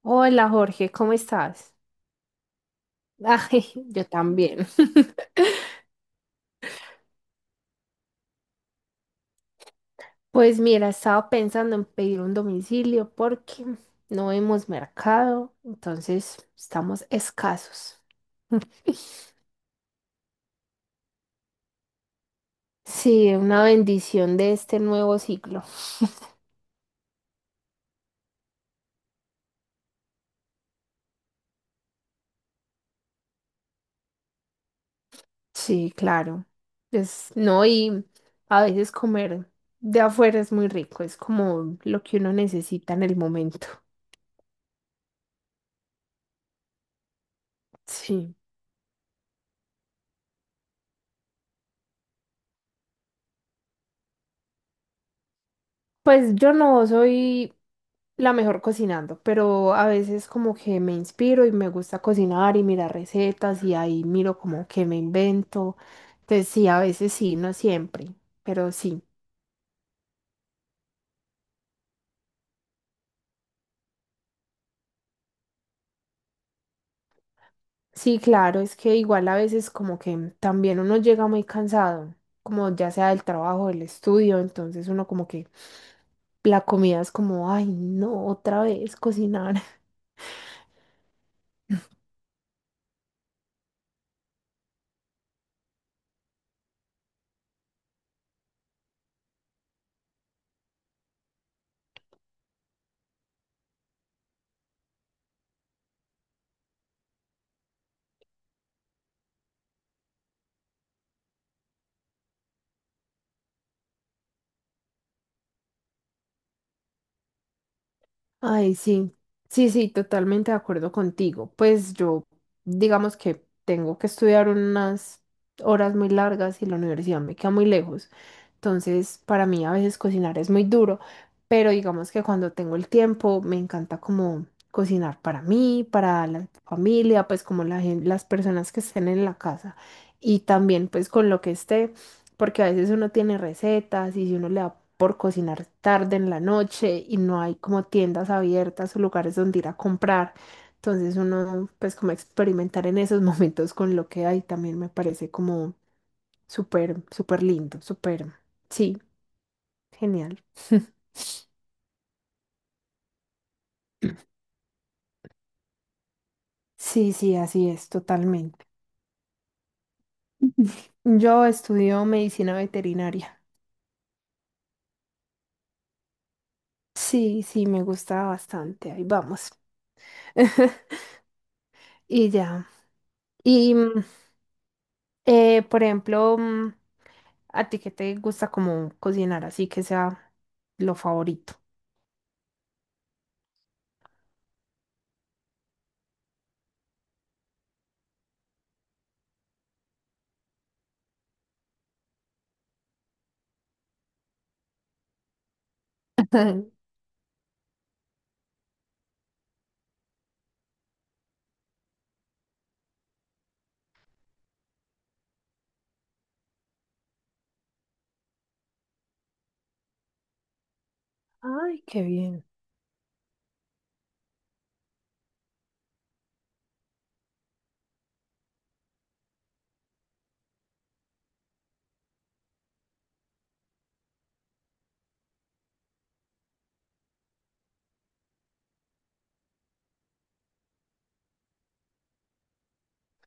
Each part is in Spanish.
Hola Jorge, ¿cómo estás? Ay, yo también. Pues mira, estaba pensando en pedir un domicilio porque no hemos mercado, entonces estamos escasos. Sí, una bendición de este nuevo ciclo. Sí, claro. Es, no, y a veces comer de afuera es muy rico, es como lo que uno necesita en el momento. Sí. Pues yo no soy la mejor cocinando, pero a veces como que me inspiro y me gusta cocinar y mirar recetas y ahí miro como que me invento. Entonces sí, a veces sí, no siempre, pero sí. Sí, claro, es que igual a veces como que también uno llega muy cansado, como ya sea del trabajo, del estudio, entonces uno como que la comida es como, ay, no, otra vez cocinar. Ay, sí, sí, sí, totalmente de acuerdo contigo. Pues yo, digamos que tengo que estudiar unas horas muy largas y la universidad me queda muy lejos. Entonces, para mí a veces cocinar es muy duro, pero digamos que cuando tengo el tiempo me encanta como cocinar para mí, para la familia, pues como las personas que estén en la casa y también pues con lo que esté, porque a veces uno tiene recetas y si uno le da por cocinar tarde en la noche y no hay como tiendas abiertas o lugares donde ir a comprar, entonces uno pues como experimentar en esos momentos con lo que hay también me parece como súper, súper lindo, súper, sí, genial. Sí, sí, así es, totalmente. Yo estudio medicina veterinaria. Sí, sí, me gusta bastante, ahí vamos. Y ya. Y, mm, por ejemplo, ¿a ti qué te gusta como cocinar así que sea lo favorito? Ay, qué bien.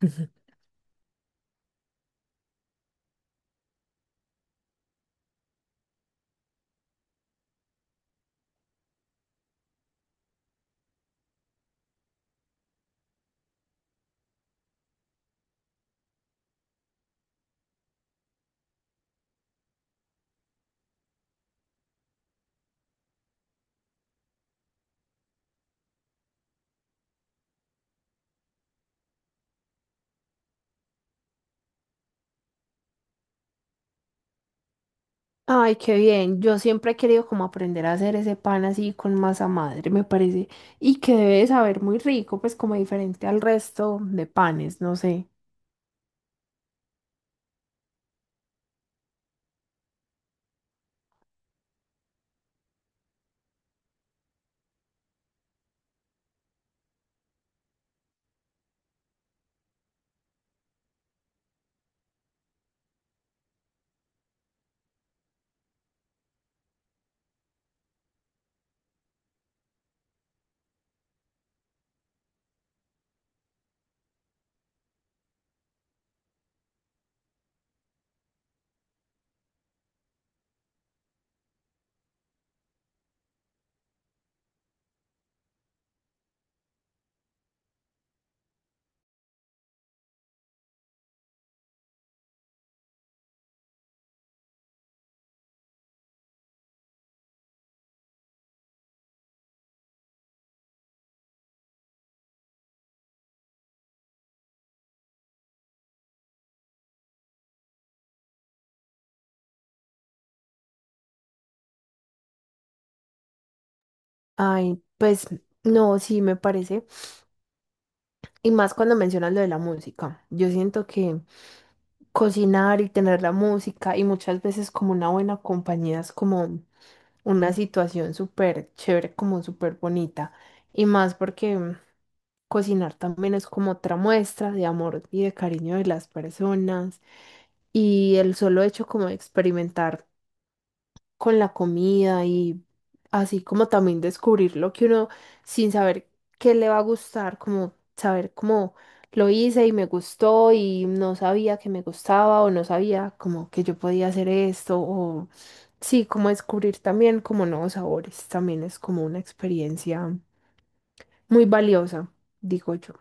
Ay, qué bien. Yo siempre he querido como aprender a hacer ese pan así con masa madre, me parece. Y que debe de saber muy rico, pues como diferente al resto de panes, no sé. Ay, pues no, sí, me parece. Y más cuando mencionas lo de la música. Yo siento que cocinar y tener la música y muchas veces como una buena compañía es como una situación súper chévere, como súper bonita. Y más porque cocinar también es como otra muestra de amor y de cariño de las personas. Y el solo hecho como de experimentar con la comida y así como también descubrir lo que uno sin saber qué le va a gustar, como saber cómo lo hice y me gustó y no sabía que me gustaba o no sabía como que yo podía hacer esto o sí, como descubrir también como nuevos sabores, también es como una experiencia muy valiosa, digo yo.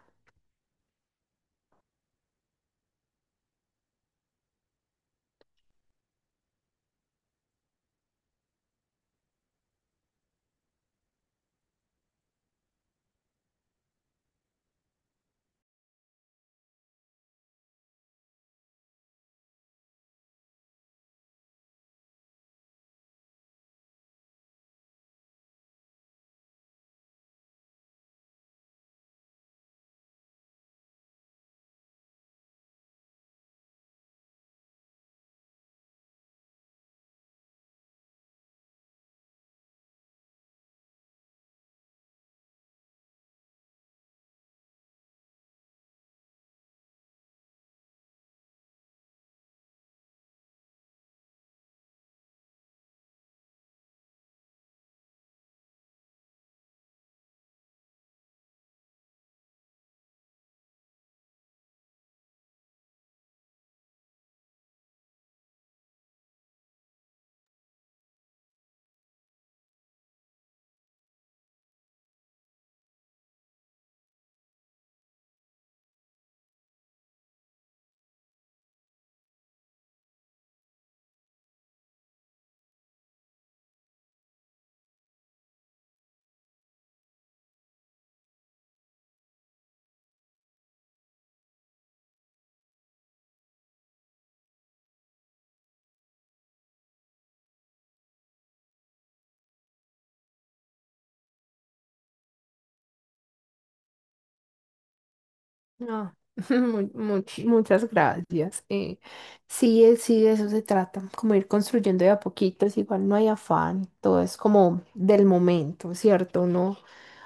No, muchas gracias. Sí, sí, de eso se trata, como ir construyendo de a poquitos, igual no hay afán, todo es como del momento, ¿cierto? Uno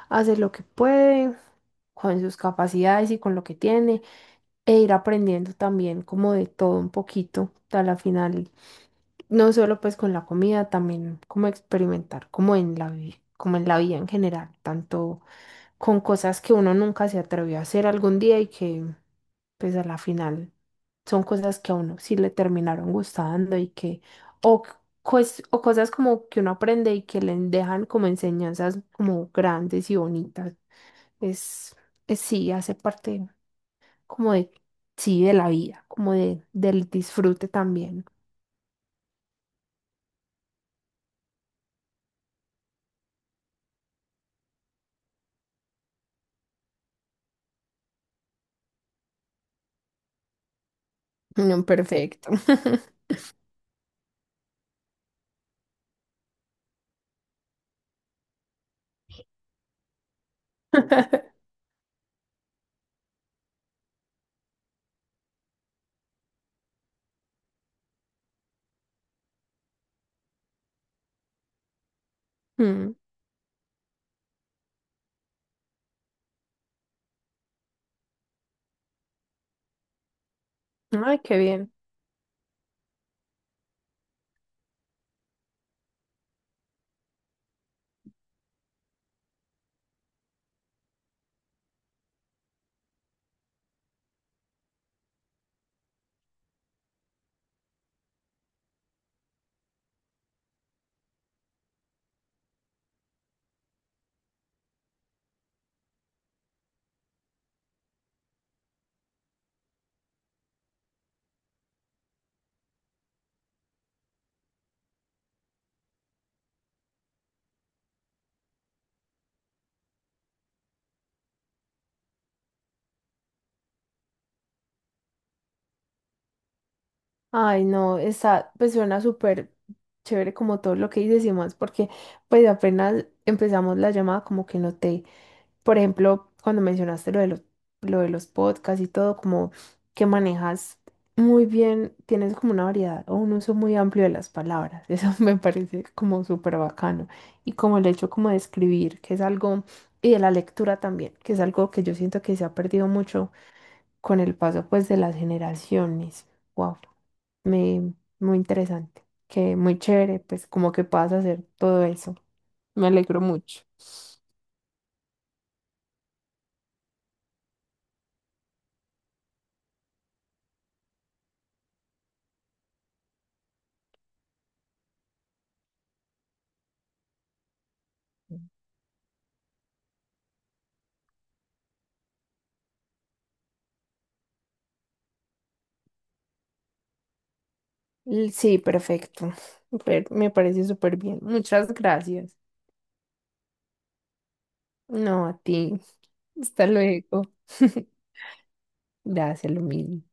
hace lo que puede con sus capacidades y con lo que tiene e ir aprendiendo también como de todo un poquito. A la final no solo pues con la comida, también como experimentar, como en la vida, como en la vida en general, tanto con cosas que uno nunca se atrevió a hacer algún día y que pues a la final son cosas que a uno sí le terminaron gustando y que, o, c- pues, o cosas como que uno aprende y que le dejan como enseñanzas como grandes y bonitas. Es, es sí, hace parte como de, sí, de la vida, como de, del disfrute también. No, perfecto. Mm. Ay, qué bien. Ay, no, está, pues suena súper chévere como todo lo que dices y más, porque pues apenas empezamos la llamada como que noté, por ejemplo, cuando mencionaste lo de los podcasts y todo, como que manejas muy bien, tienes como una variedad o un uso muy amplio de las palabras, eso me parece como súper bacano. Y como el hecho como de escribir, que es algo, y de la lectura también, que es algo que yo siento que se ha perdido mucho con el paso pues de las generaciones. Wow, me, muy interesante, que muy chévere, pues como que puedas hacer todo eso. Me alegro mucho. Sí, perfecto. Me parece súper bien. Muchas gracias. No, a ti. Hasta luego. Gracias, lo mismo.